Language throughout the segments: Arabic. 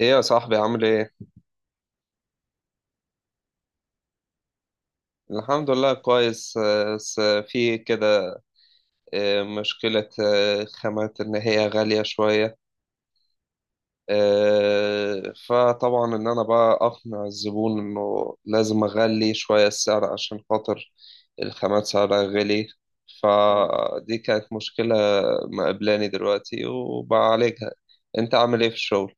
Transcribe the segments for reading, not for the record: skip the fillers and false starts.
ايه يا صاحبي عامل ايه؟ الحمد لله كويس، بس في كده. مشكلة، خامات ان هي غالية شوية. فطبعا ان انا بقى اقنع الزبون انه لازم اغلي شوية السعر عشان خاطر الخامات سعرها غالي. فدي كانت مشكلة مقابلاني دلوقتي وبعالجها. انت عامل ايه في الشغل؟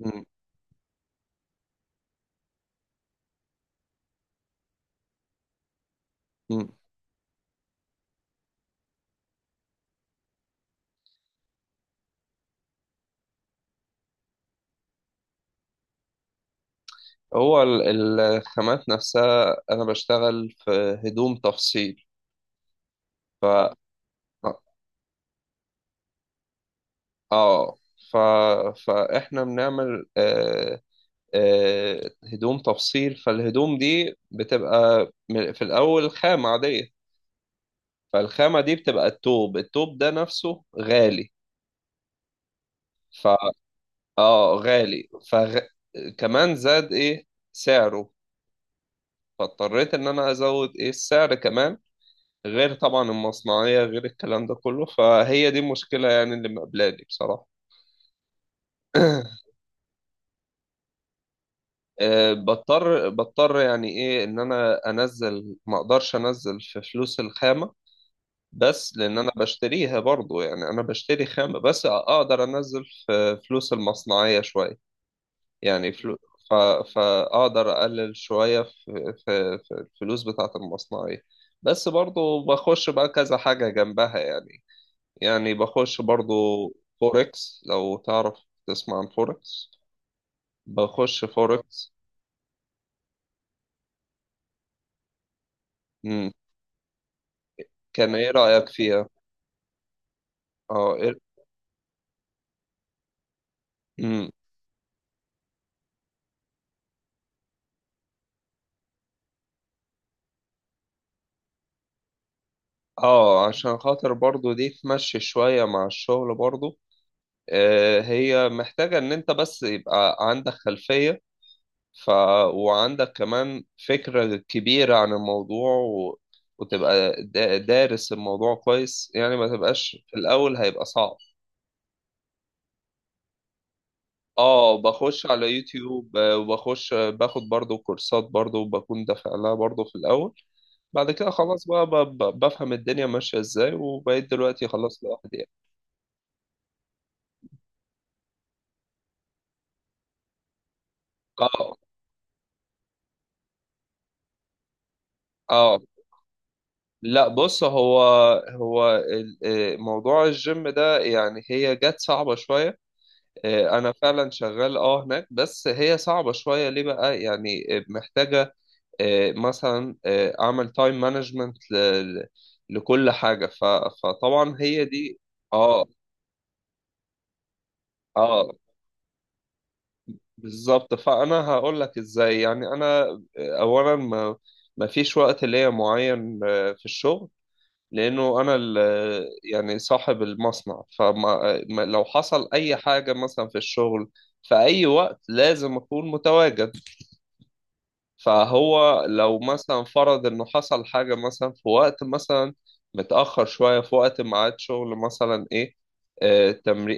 مم. مم. هو الخامات نفسها انا بشتغل في هدوم تفصيل. ف مم. اه. ف... فاحنا بنعمل هدوم تفصيل. فالهدوم دي بتبقى في الاول خامة عادية. فالخامة دي بتبقى التوب، التوب ده نفسه غالي. ف اه غالي. كمان زاد ايه سعره، فاضطريت ان انا ازود ايه السعر كمان، غير طبعا المصنعية، غير الكلام ده كله. فهي دي المشكلة يعني اللي مقابلاني بصراحة. بضطر يعني ايه ان انا انزل، ما اقدرش انزل في فلوس الخامة، بس لان انا بشتريها برضو، يعني انا بشتري خامة، بس اقدر انزل في فلوس المصنعية شوية. يعني فلو ف... فاقدر اقلل شوية في الفلوس بتاعة المصنعية، بس برضو بخش بقى كذا حاجة جنبها يعني. يعني بخش برضو فوركس، لو تعرف تسمع عن فوركس. بخش فوركس. مم. كان ايه رأيك فيها؟ اه إيه- مم. اه، عشان خاطر برضو دي تمشي شوية مع الشغل برضو. آه، هي محتاجة ان انت بس يبقى عندك خلفية ف... وعندك كمان فكرة كبيرة عن الموضوع، وتبقى دارس الموضوع كويس يعني. ما تبقاش في الاول هيبقى صعب. اه، بخش على يوتيوب، وبخش باخد برضو كورسات برضو، وبكون دافع لها برضو في الاول. بعد كده خلاص بقى بفهم الدنيا ماشية ازاي، وبقيت دلوقتي خلاص لوحدي. اه، اه، لا بص. هو موضوع الجيم ده يعني هي جت صعبة شوية. انا فعلا شغال اه هناك، بس هي صعبة شوية ليه بقى يعني. محتاجة مثلا اعمل تايم مانجمنت لكل حاجة. فطبعا هي دي. اه، اه، بالظبط. فانا هقول لك ازاي يعني انا، اولا ما فيش وقت ليا معين في الشغل، لانه انا يعني صاحب المصنع. فما لو حصل اي حاجه مثلا في الشغل في اي وقت لازم اكون متواجد. فهو لو مثلا فرض انه حصل حاجه مثلا في وقت مثلا متاخر شويه، في وقت ميعاد شغل مثلا ايه التمرين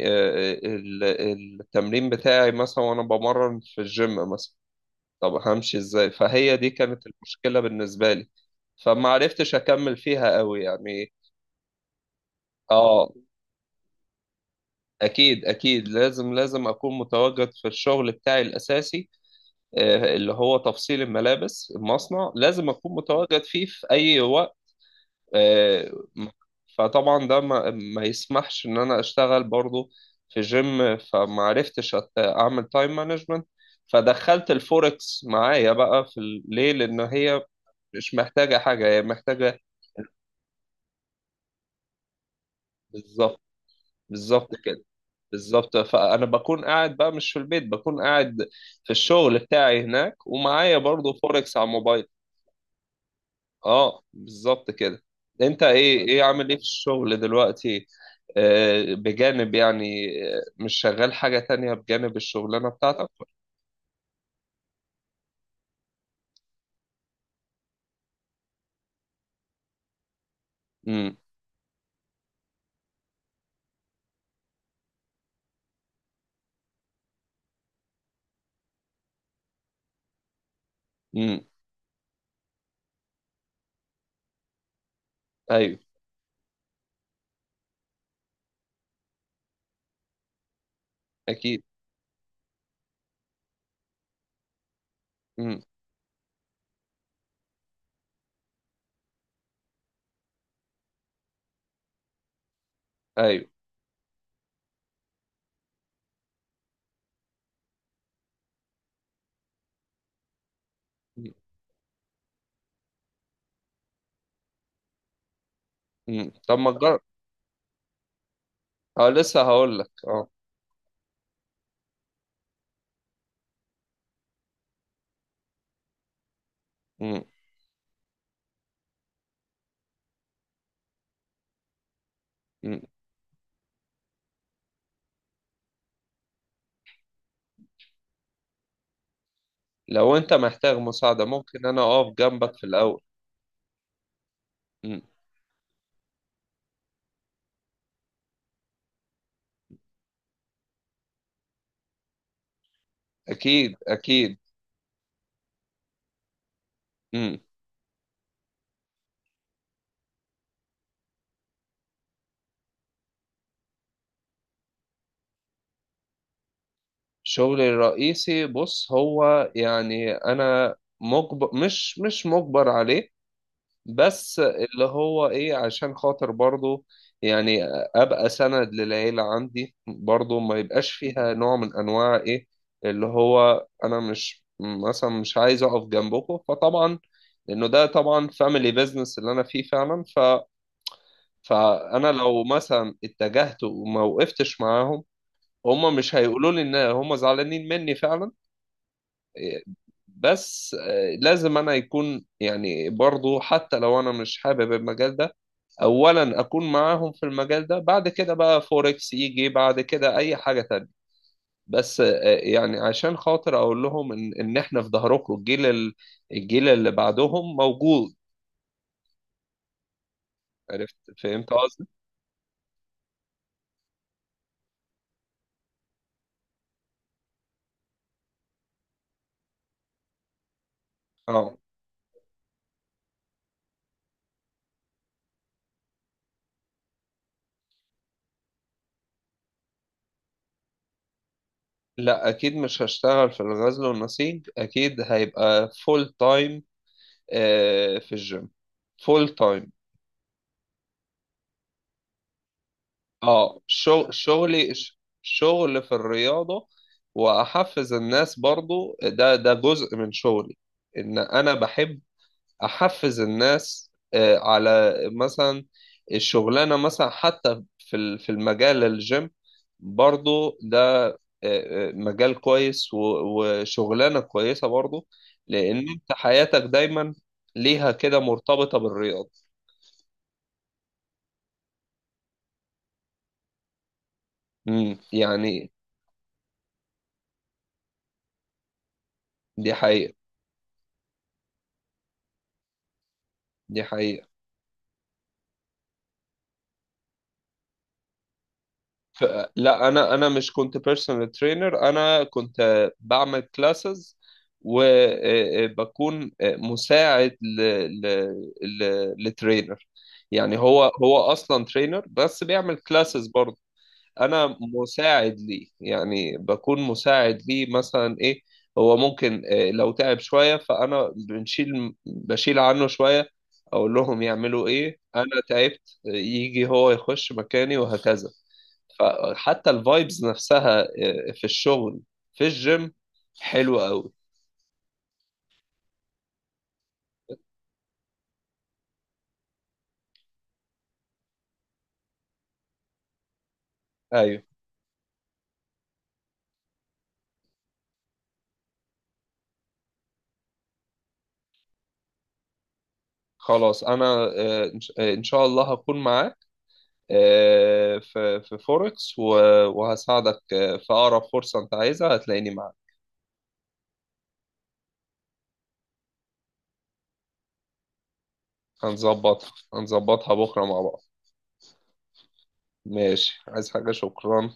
التمرين بتاعي مثلا، وانا بمرن في الجيم مثلا، طب همشي ازاي؟ فهي دي كانت المشكله بالنسبه لي. فما عرفتش اكمل فيها قوي يعني. اه، أكيد أكيد لازم أكون متواجد في الشغل بتاعي الأساسي، اللي هو تفصيل الملابس. المصنع لازم أكون متواجد فيه في أي وقت. آه، م- فطبعا ده ما يسمحش إن أنا أشتغل برضو في جيم. فما عرفتش أعمل تايم مانجمنت، فدخلت الفوركس معايا بقى في ليه، لأن هي مش محتاجة حاجة، هي محتاجة بالظبط. بالظبط كده. بالظبط. فانا بكون قاعد بقى مش في البيت، بكون قاعد في الشغل بتاعي هناك، ومعايا برضو فوركس على الموبايل. اه بالظبط كده. انت ايه، ايه عامل ايه في الشغل دلوقتي؟ بجانب يعني، مش شغال حاجة تانية بجانب الشغلانة بتاعتك؟ امم، امم، ايوه، اكيد، امم، ايوه، امم. طب ما تجرب. اه لسه هقول لك اه. امم. أمم. لو انت محتاج مساعدة ممكن انا اقف جنبك في الاول. امم. اكيد اكيد. امم. شغلي الرئيسي بص هو يعني انا مجبر، مش مجبر عليه، بس اللي هو ايه عشان خاطر برضو يعني ابقى سند للعيلة عندي برضو، ما يبقاش فيها نوع من انواع ايه اللي هو انا مش مثلا مش عايز اقف جنبكم. فطبعا لانه ده طبعا فاميلي بيزنس اللي انا فيه فعلا. فانا لو مثلا اتجهت وما وقفتش معاهم، هم مش هيقولوا لي ان هم زعلانين مني فعلا، بس لازم انا يكون يعني برضو حتى لو انا مش حابب المجال ده، اولا اكون معاهم في المجال ده. بعد كده بقى فوركس يجي بعد كده اي حاجة تانية. بس يعني عشان خاطر اقول لهم ان احنا في ظهركم. الجيل الجيل اللي بعدهم موجود. عرفت؟ فهمت قصدي؟ اه. لا اكيد مش هشتغل في الغزل والنسيج. اكيد هيبقى فول تايم في الجيم، فول تايم. اه شغلي شغل في الرياضة، واحفز الناس برضو. ده جزء من شغلي ان انا بحب احفز الناس على مثلا الشغلانة مثلا، حتى في في المجال الجيم برضو ده مجال كويس، وشغلانة كويسة برضو، لان انت حياتك دايما ليها كده مرتبطة بالرياضة. مم، يعني دي حقيقة، دي حقيقة. ف- لا انا، مش كنت بيرسونال ترينر. انا كنت بعمل كلاسز، وبكون مساعد ل ل لترينر يعني هو اصلا ترينر بس بيعمل كلاسز برضه، انا مساعد ليه، يعني بكون مساعد ليه مثلا ايه. هو ممكن لو تعب شوية فانا بشيل عنه شوية، اقول لهم يعملوا ايه انا تعبت، يجي هو يخش مكاني وهكذا. فحتى الفايبز نفسها في الشغل، في الجيم حلوة قوي. ايوه خلاص انا، آه، إن ش- آه، إن شاء الله هكون معاك في فوركس، وهساعدك في اقرب فرصة انت عايزها. هتلاقيني معاك. هنظبطها، هنظبطها بكرة مع بعض. ماشي. عايز حاجة؟ شكرا.